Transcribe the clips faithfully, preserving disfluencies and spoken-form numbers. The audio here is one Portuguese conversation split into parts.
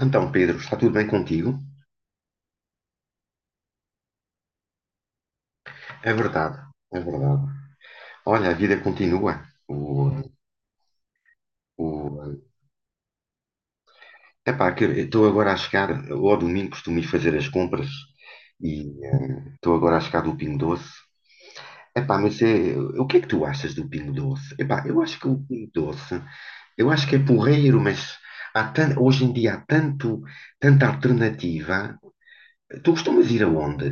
Então, Pedro, está tudo bem contigo? É verdade, é verdade. Olha, a vida continua. O, o, Epá, que eu estou agora a chegar, eu ao domingo costumo ir fazer as compras e eh, estou agora a chegar do Pingo Doce. Epá, mas é, o que é que tu achas do Pingo Doce? Epá, eu acho que o Pingo Doce, eu acho que é porreiro, mas há tan- hoje em dia há tanto, tanta alternativa. Tu costumas ir aonde?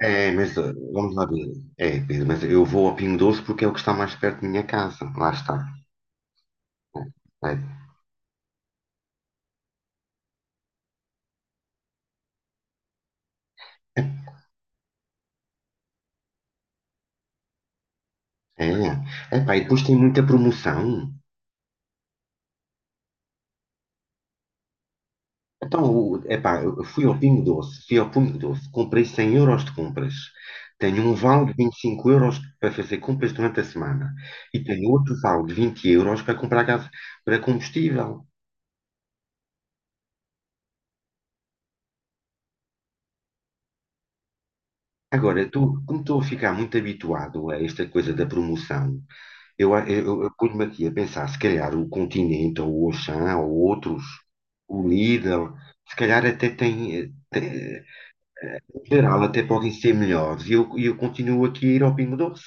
É, mas eh, vamos lá ver. É, Pedro, mas eu vou a Pingo Doce porque é o que está mais perto da minha casa. Lá está. É, é, é, epá, e depois tem muita promoção. Então, o- epá, eu fui ao Pingo Doce, fui ao Pingo Doce, comprei cem euros de compras. Tenho um vale de vinte e cinco euros para fazer compras durante a semana. E tenho outro vale de vinte euros para comprar gás, para combustível. Agora, tu, como estou a ficar muito habituado a esta coisa da promoção, Eu, a- eu, eu pus-me aqui a pensar, se calhar o Continente, ou o Auchan, ou outros, o Lidl, se calhar até tem, eh, tem- em geral, até podem ser melhores. E eu, e eu continuo aqui a ir ao Pingo Doce.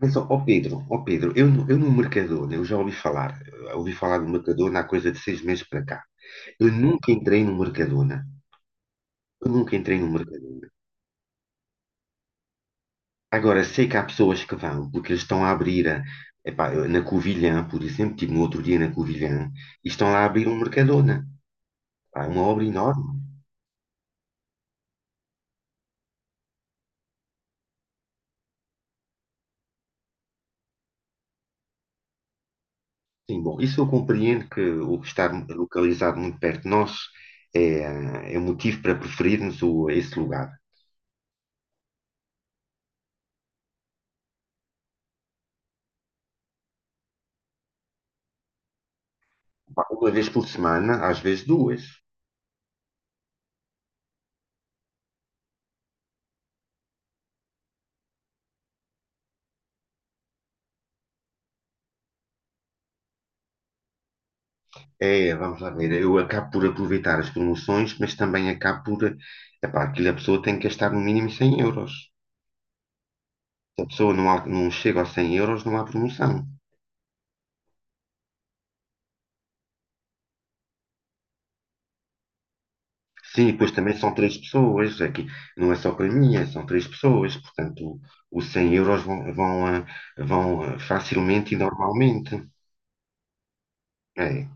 Mas, ó ó Pedro, ó Pedro, eu, no- eu no Mercadona, eu já ouvi falar, eu ouvi falar do Mercadona há coisa de seis meses para cá. Eu nunca entrei no Mercadona. Eu nunca entrei no Mercadona. Agora, sei que há pessoas que vão, porque eles estão a abrir, a- epá, eu- na Covilhã, por exemplo, estive no outro dia na Covilhã, e estão lá a abrir um Mercadona. Pá, é uma obra enorme. Sim, bom, isso eu compreendo que o estar localizado muito perto de nós é, é motivo para preferirmos o, esse lugar. Pá, uma vez por semana, às vezes duas. É, vamos lá ver, eu acabo por aproveitar as promoções, mas também acabo por, epá, aquilo a pessoa tem que gastar no mínimo cem euros. Se a pessoa não, há- não chega aos cem euros, não há promoção. Sim, pois também são três pessoas, aqui não é só para mim, é- são três pessoas, portanto, os cem euros vão, vão, ah, vão, ah, facilmente e normalmente. É,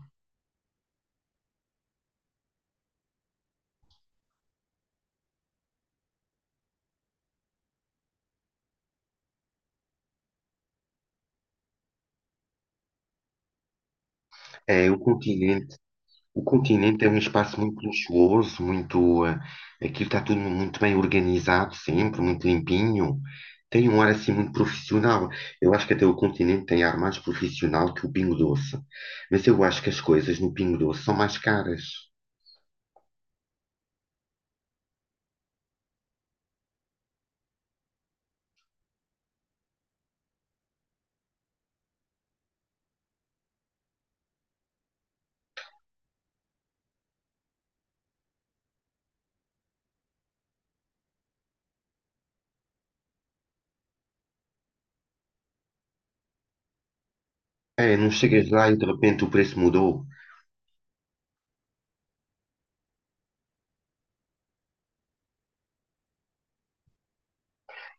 é o continente, o Continente é um espaço muito luxuoso, muito, ah, aquilo está tudo muito bem organizado sempre, muito limpinho, tem um ar assim muito profissional. Eu acho que até o Continente tem ar mais profissional que o Pingo Doce, mas eu acho que as coisas no Pingo Doce são mais caras. É, não chegas lá e de repente o preço mudou.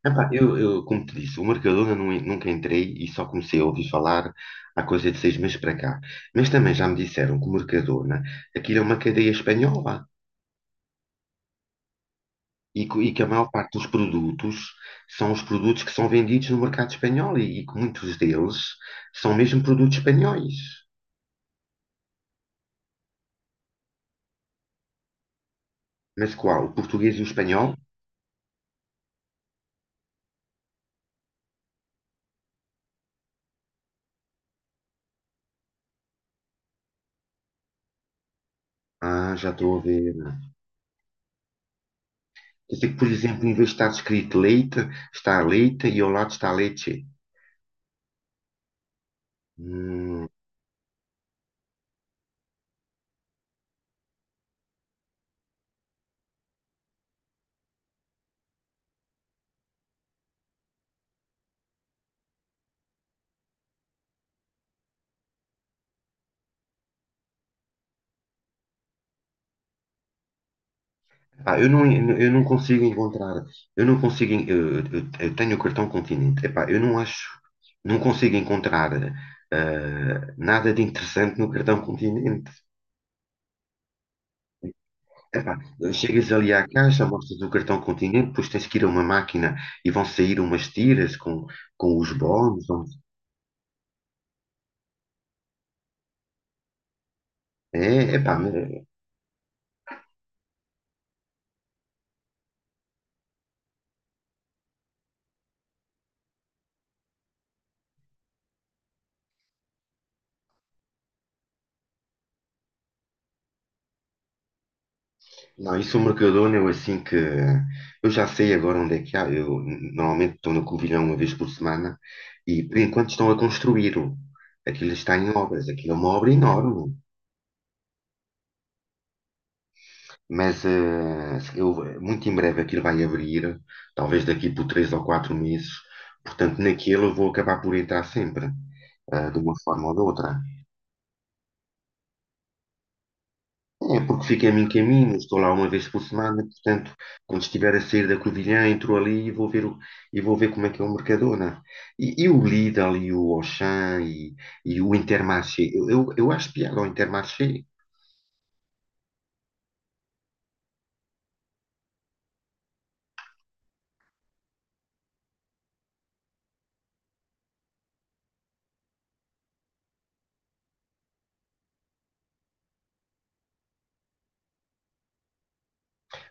Epá, eu, eu, como te disse, o Mercadona não en- nunca entrei e só comecei a ouvir falar há coisa de seis meses para cá. Mas também já me disseram que o Mercadona, aquilo é uma cadeia espanhola e, que e que a maior parte dos produtos são os produtos que são vendidos no mercado espanhol e, e que muitos deles são mesmo produtos espanhóis. Mas qual? O português e o espanhol? Ah, já estou a ver. Quer dizer que, por exemplo, em vez de estar escrito leite, está leite e ao lado está leite. Pá, eu não, eu não consigo encontrar, eu não consigo, en- eu, eu- eu tenho o cartão Continente, epá, eu não acho, não consigo encontrar ah, nada de interessante no cartão Continente. Epá, chegas ali à caixa, mostras o cartão Continente, depois tens que ir a uma máquina e vão sair umas tiras com, com os bónus. vão- É, epá, não, isso o Mercadona, eu assim que. Eu já sei agora onde é que há. Eu normalmente estou no Covilhão uma vez por semana e por enquanto estão a construí-lo. Aquilo está em obras, aquilo é uma obra enorme. Mas eh, eu- muito em breve aquilo vai abrir, talvez daqui por três ou quatro meses. Portanto, naquilo eu vou acabar por entrar sempre, eh, de uma forma ou de outra. É porque fico a mim caminho, estou lá uma vez por semana, portanto, quando estiver a sair da Covilhã, entro ali e vou ver, o- e vou ver como é que é o Mercadona. E, e o Lidl e o Auchan e, e o Intermarché. Eu, eu, eu acho piada ao Intermarché,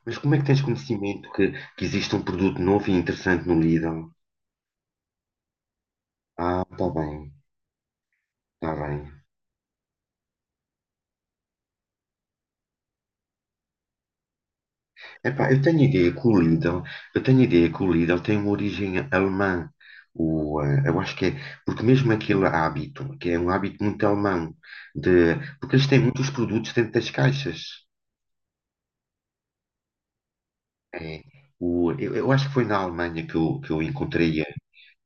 mas como é que tens conhecimento que, que existe um produto novo e interessante no Lidl? Ah, está bem, está bem. Epá, eu tenho a ideia que o Lidl, eu tenho a ideia que o Lidl tem uma origem alemã. O, eh, eu acho que é, Porque mesmo aquele hábito, que é um hábito muito alemão, de, porque eles têm muitos produtos dentro das caixas. É, o, eu, eu acho que foi na Alemanha que eu, que eu encontrei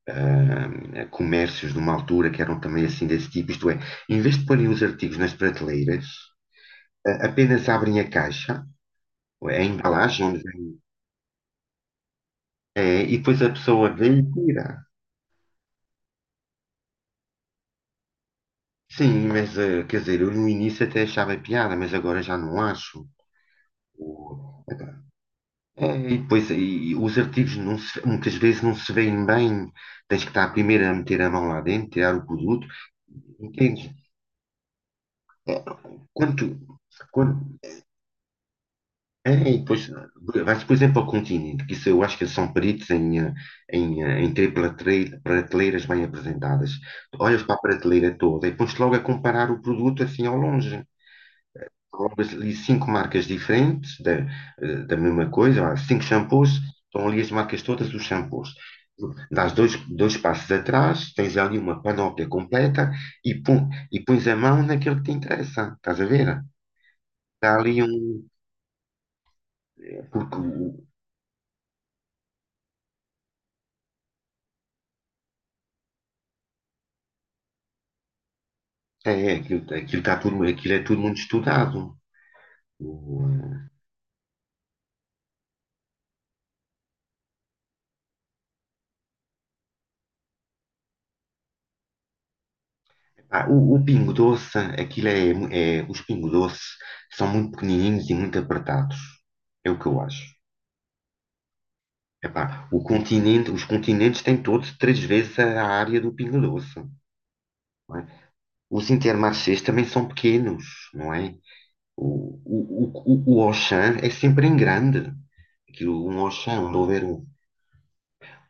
eh, comércios de uma altura que eram também assim desse tipo, isto é, em vez de porem os artigos nas prateleiras, eh, apenas abrem a caixa, a embalagem onde vem, eh, e depois a pessoa vem e tira. Sim, mas eh, quer dizer, eu no início até achava piada, mas agora já não acho. O- É, e depois e- e os artigos não se- muitas vezes não se veem bem. Tens que estar primeiro a meter a mão lá dentro, tirar o produto. Entendes? Quando, tu- quando, é, E depois eh, vais, por exemplo, ao Continente, que isso eu acho que eles são peritos em, eh, em, eh, em ter prateleira- prateleiras bem apresentadas. Olhas para a prateleira toda e pões logo a comparar o produto assim ao longe. Colocas ali cinco marcas diferentes da, eh, da mesma coisa, há cinco shampoos, estão ali as marcas todas dos shampoos. Dás dois, dois passos atrás, tens ali uma panóplia completa e, pum, e pões a mão naquilo que te interessa, estás a ver? Está ali um. Porque o- é, é, aquilo, aquilo, está tudo, aquilo é tudo muito estudado. O, eh, ah, o, o Pingo Doce, aquilo é, mu- é. Os Pingo Doce são muito pequenininhos e muito apertados. É o que eu acho. Epá, o continente, os continentes têm todos três vezes a área do Pingo Doce. Não é? Os Intermarchés também são pequenos, não é? O, o, o, o Auchan é sempre em grande. Aquilo, um Auchan, onde houver um,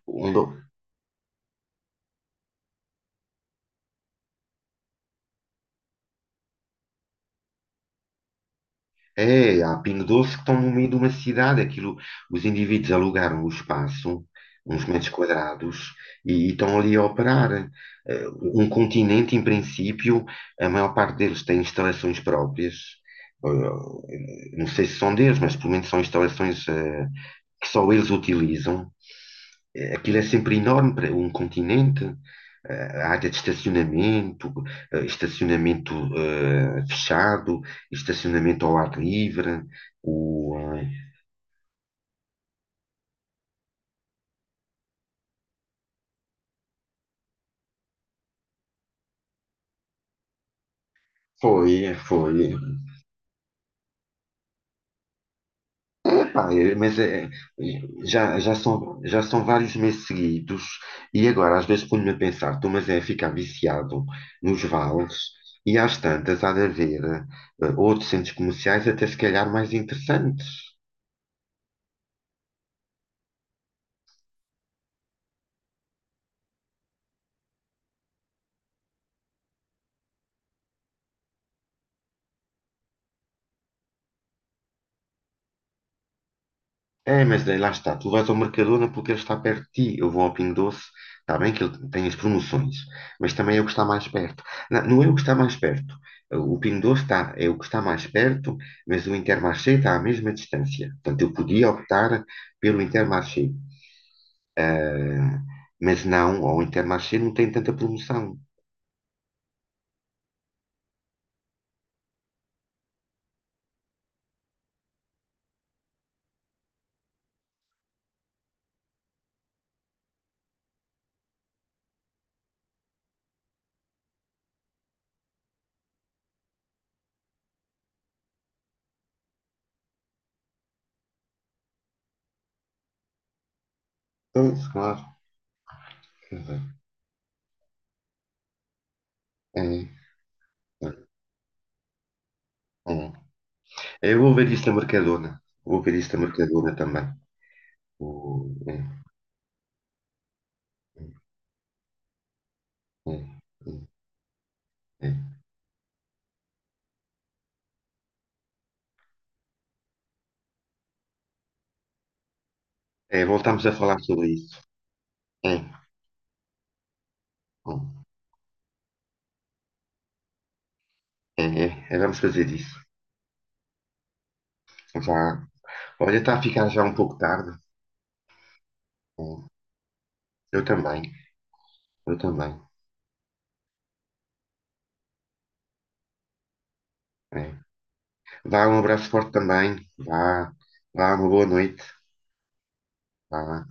onde, é, há Pingo Doce que estão no meio de uma cidade. Aquilo, os indivíduos alugaram o espaço, uns metros quadrados, e, e estão ali a operar. Eh, Um continente, em princípio, a maior parte deles tem instalações próprias. Eh, Não sei se são deles, mas pelo menos são instalações eh, que só eles utilizam. Aquilo é sempre enorme para um Continente. eh, A área de estacionamento, eh, estacionamento eh, fechado, estacionamento ao ar livre. O, eh, Foi, foi. Epá, eh, mas eh, já, já são, já são vários meses seguidos e agora às vezes ponho-me a pensar, estou mas é ficar viciado nos vales e às tantas há de haver eh, outros centros comerciais até se calhar mais interessantes. É, mas daí lá está, tu vais ao Mercadona porque ele está perto de ti. Eu vou ao Pingo Doce, está bem que ele tem as promoções, mas também é o que está mais perto. Não, não é o que está mais perto. O Pingo Doce está, é o que está mais perto, mas o Intermarché está à mesma distância. Portanto, eu podia optar pelo Intermarché. Ah, mas não, o Intermarché não tem tanta promoção. Pois, claro. É, é. Eu vou ver isso na Mercadona. Vou ver isso na Mercadona também. O- é, é, é. É, é, voltamos a falar sobre isso. É, é, é, é, vamos fazer isso. Vá. Olha, está a ficar já um pouco tarde. É, eu também, eu também. É. Vá, um abraço forte também. Vá, vá, uma boa noite. Vá.